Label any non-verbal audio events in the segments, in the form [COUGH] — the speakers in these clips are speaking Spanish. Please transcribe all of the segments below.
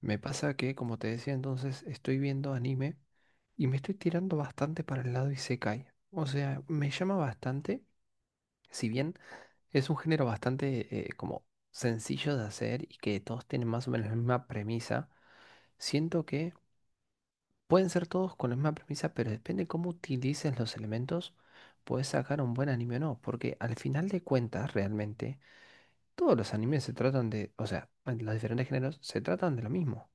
Me pasa que, como te decía entonces, estoy viendo anime y me estoy tirando bastante para el lado isekai. O sea, me llama bastante, si bien es un género bastante como sencillo de hacer y que todos tienen más o menos la misma premisa, siento que pueden ser todos con la misma premisa, pero depende cómo utilices los elementos, puedes sacar un buen anime o no, porque al final de cuentas realmente todos los animes se tratan de, o sea, en los diferentes géneros se tratan de lo mismo.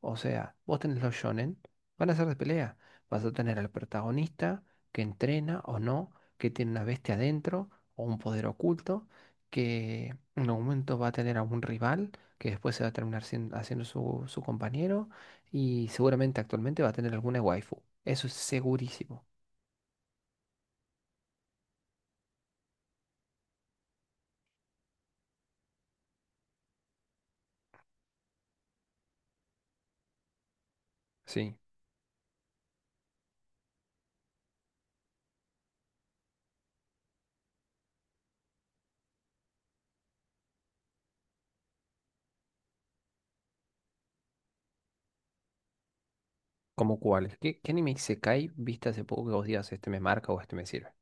O sea, vos tenés los shonen, van a ser de pelea. Vas a tener al protagonista que entrena o no, que tiene una bestia adentro o un poder oculto, que en algún momento va a tener a un rival que después se va a terminar haciendo su compañero y seguramente actualmente va a tener alguna waifu. Eso es segurísimo. Sí. ¿Como cuáles? ¿Qué anime isekai viste hace poco que vos digas este me marca o este me sirve?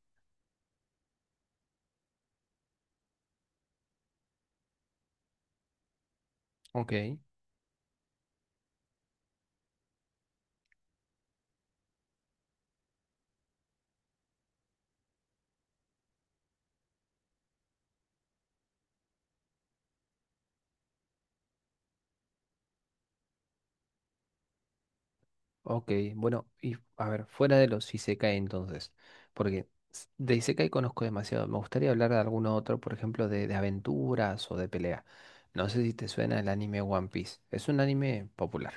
Ok. Ok, bueno, y a ver, fuera de los isekai entonces, porque de isekai conozco demasiado, me gustaría hablar de alguno otro, por ejemplo, de aventuras o de pelea. No sé si te suena el anime One Piece, es un anime popular.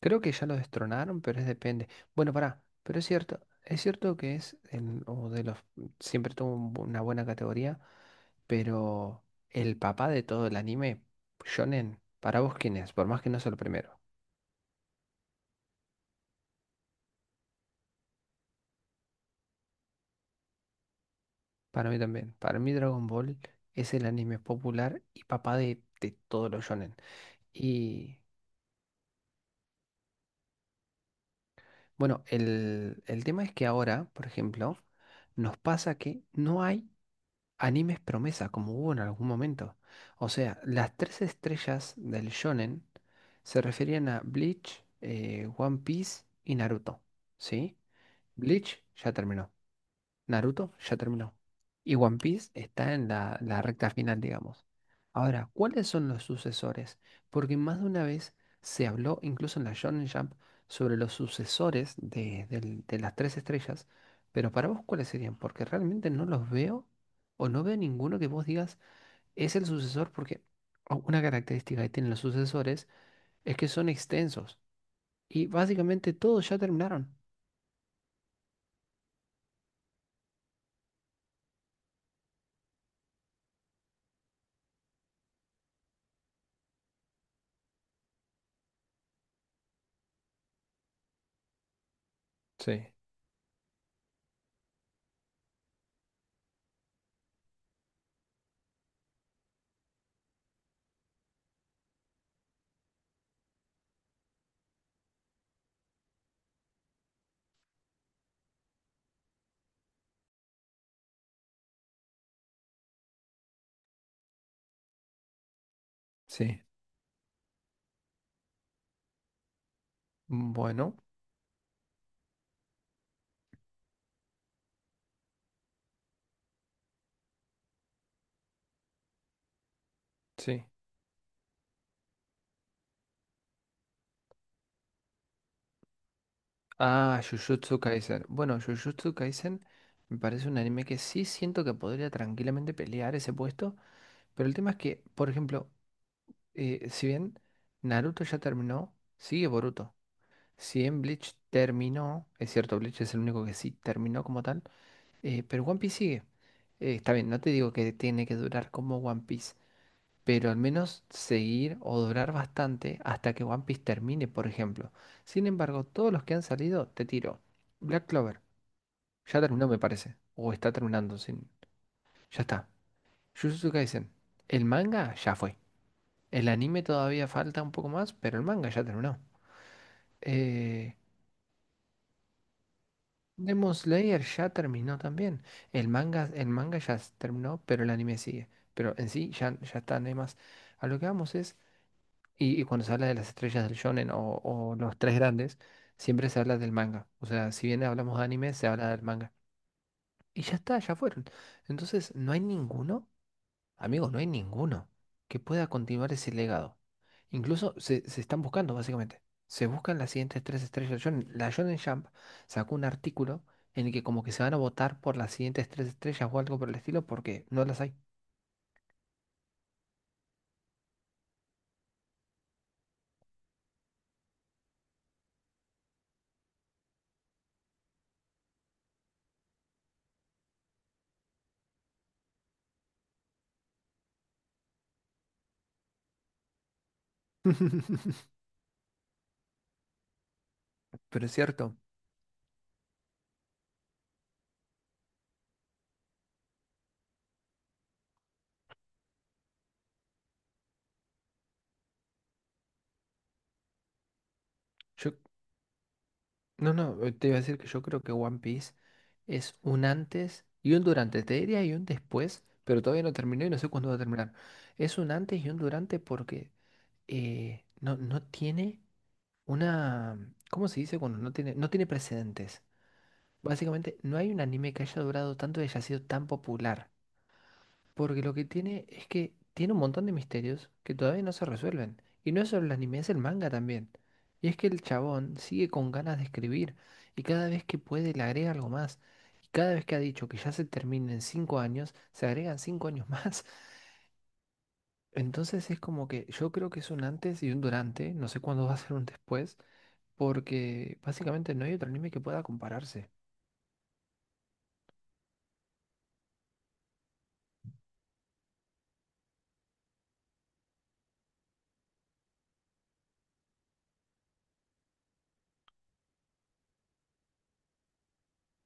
Creo que ya lo destronaron, pero es depende. Bueno, pará, pero es cierto que es el, o de los, siempre tuvo un una buena categoría, pero el papá de todo el anime, shonen, para vos quién es, por más que no sea el primero. Para mí también. Para mí Dragon Ball es el anime popular y papá de todos los shonen. Y bueno, el tema es que ahora, por ejemplo, nos pasa que no hay animes promesa como hubo en algún momento. O sea, las tres estrellas del shonen se referían a Bleach, One Piece y Naruto. ¿Sí? Bleach ya terminó. Naruto ya terminó. Y One Piece está en la recta final, digamos. Ahora, ¿cuáles son los sucesores? Porque más de una vez se habló, incluso en la Shonen Jump, sobre los sucesores de las tres estrellas. Pero para vos, ¿cuáles serían? Porque realmente no los veo o no veo ninguno que vos digas es el sucesor porque una característica que tienen los sucesores es que son extensos. Y básicamente todos ya terminaron. Sí, sí, bueno, sí. Ah, Jujutsu Kaisen. Bueno, Jujutsu Kaisen me parece un anime que sí siento que podría tranquilamente pelear ese puesto, pero el tema es que, por ejemplo, si bien Naruto ya terminó, sigue Boruto. Si bien Bleach terminó, es cierto, Bleach es el único que sí terminó como tal, pero One Piece sigue. Está bien, no te digo que tiene que durar como One Piece, pero al menos seguir o durar bastante hasta que One Piece termine, por ejemplo. Sin embargo, todos los que han salido, te tiro. Black Clover. Ya terminó, me parece. O está terminando, sin... Ya está. Jujutsu Kaisen. El manga ya fue. El anime todavía falta un poco más, pero el manga ya terminó. Eh, Demon Slayer ya terminó también. El manga ya terminó, pero el anime sigue. Pero en sí ya, ya está, no hay más. A lo que vamos es, y cuando se habla de las estrellas del shonen o los tres grandes, siempre se habla del manga. O sea, si bien hablamos de anime, se habla del manga. Y ya está, ya fueron. Entonces, no hay ninguno. Amigos, no hay ninguno que pueda continuar ese legado. Incluso se, se están buscando, básicamente. Se buscan las siguientes tres estrellas. La Shonen Jump sacó un artículo en el que como que se van a votar por las siguientes tres estrellas o algo por el estilo porque no las hay. [LAUGHS] Pero es cierto. Yo, no, no, te iba a decir que yo creo que One Piece es un antes y un durante. Te diría y un después, pero todavía no terminó y no sé cuándo va a terminar. Es un antes y un durante porque no, no tiene. Una, ¿cómo se dice cuando no tiene, no tiene precedentes? Básicamente, no hay un anime que haya durado tanto y haya sido tan popular. Porque lo que tiene es que tiene un montón de misterios que todavía no se resuelven. Y no es solo el anime, es el manga también. Y es que el chabón sigue con ganas de escribir y cada vez que puede le agrega algo más. Y cada vez que ha dicho que ya se termina en 5 años, se agregan 5 años más. [LAUGHS] Entonces es como que yo creo que es un antes y un durante, no sé cuándo va a ser un después porque básicamente no hay otro anime que pueda compararse.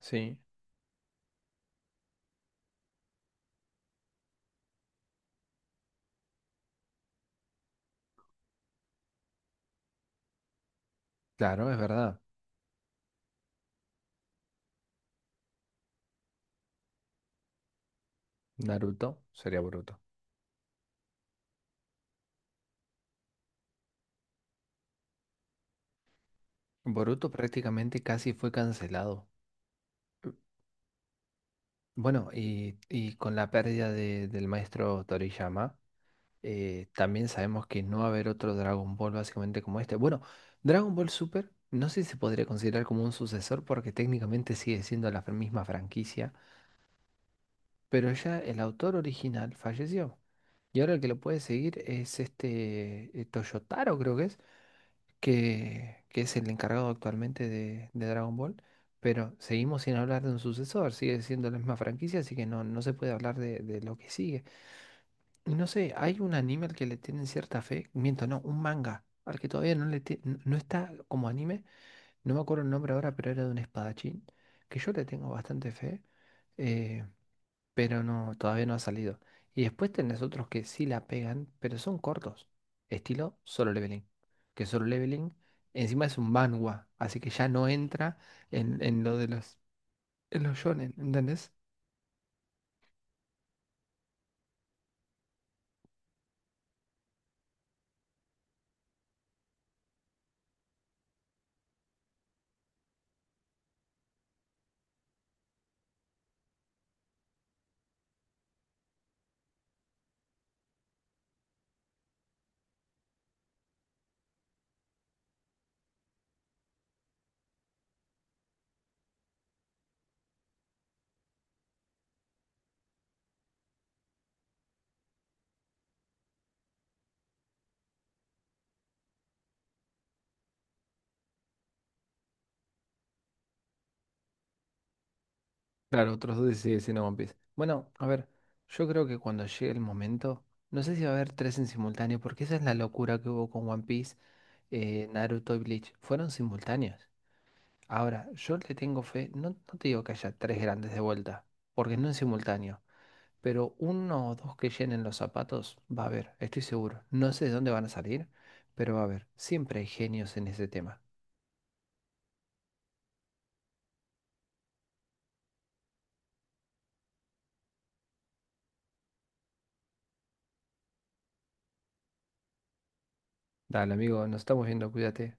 Sí, claro, es verdad. Naruto sería Boruto. Boruto prácticamente casi fue cancelado. Eh, Bueno, y con la pérdida del maestro Toriyama, también sabemos que no va a haber otro Dragon Ball básicamente como este. Bueno, Dragon Ball Super no sé si se podría considerar como un sucesor porque técnicamente sigue siendo la misma franquicia. Pero ya el autor original falleció. Y ahora el que lo puede seguir es este Toyotaro, creo que es, que es el encargado actualmente de Dragon Ball. Pero seguimos sin hablar de un sucesor, sigue siendo la misma franquicia, así que no, no se puede hablar de lo que sigue. Y no sé, hay un anime al que le tienen cierta fe, miento, no, un manga, al que todavía no no está como anime, no me acuerdo el nombre ahora, pero era de un espadachín, que yo le tengo bastante fe. Eh, pero no, todavía no ha salido. Y después tenés otros que sí la pegan, pero son cortos. Estilo Solo Leveling. Que Solo Leveling encima es un manhwa, así que ya no entra en lo de los, en los shonen, ¿entendés? Claro, otros dos sí, sí, no One Piece. Bueno, a ver, yo creo que cuando llegue el momento, no sé si va a haber tres en simultáneo, porque esa es la locura que hubo con One Piece, Naruto y Bleach. Fueron simultáneos. Ahora, yo le tengo fe, no, no te digo que haya tres grandes de vuelta, porque no en simultáneo. Pero uno o dos que llenen los zapatos va a haber, estoy seguro. No sé de dónde van a salir, pero va a haber. Siempre hay genios en ese tema. Dale, amigo, nos estamos viendo, cuídate.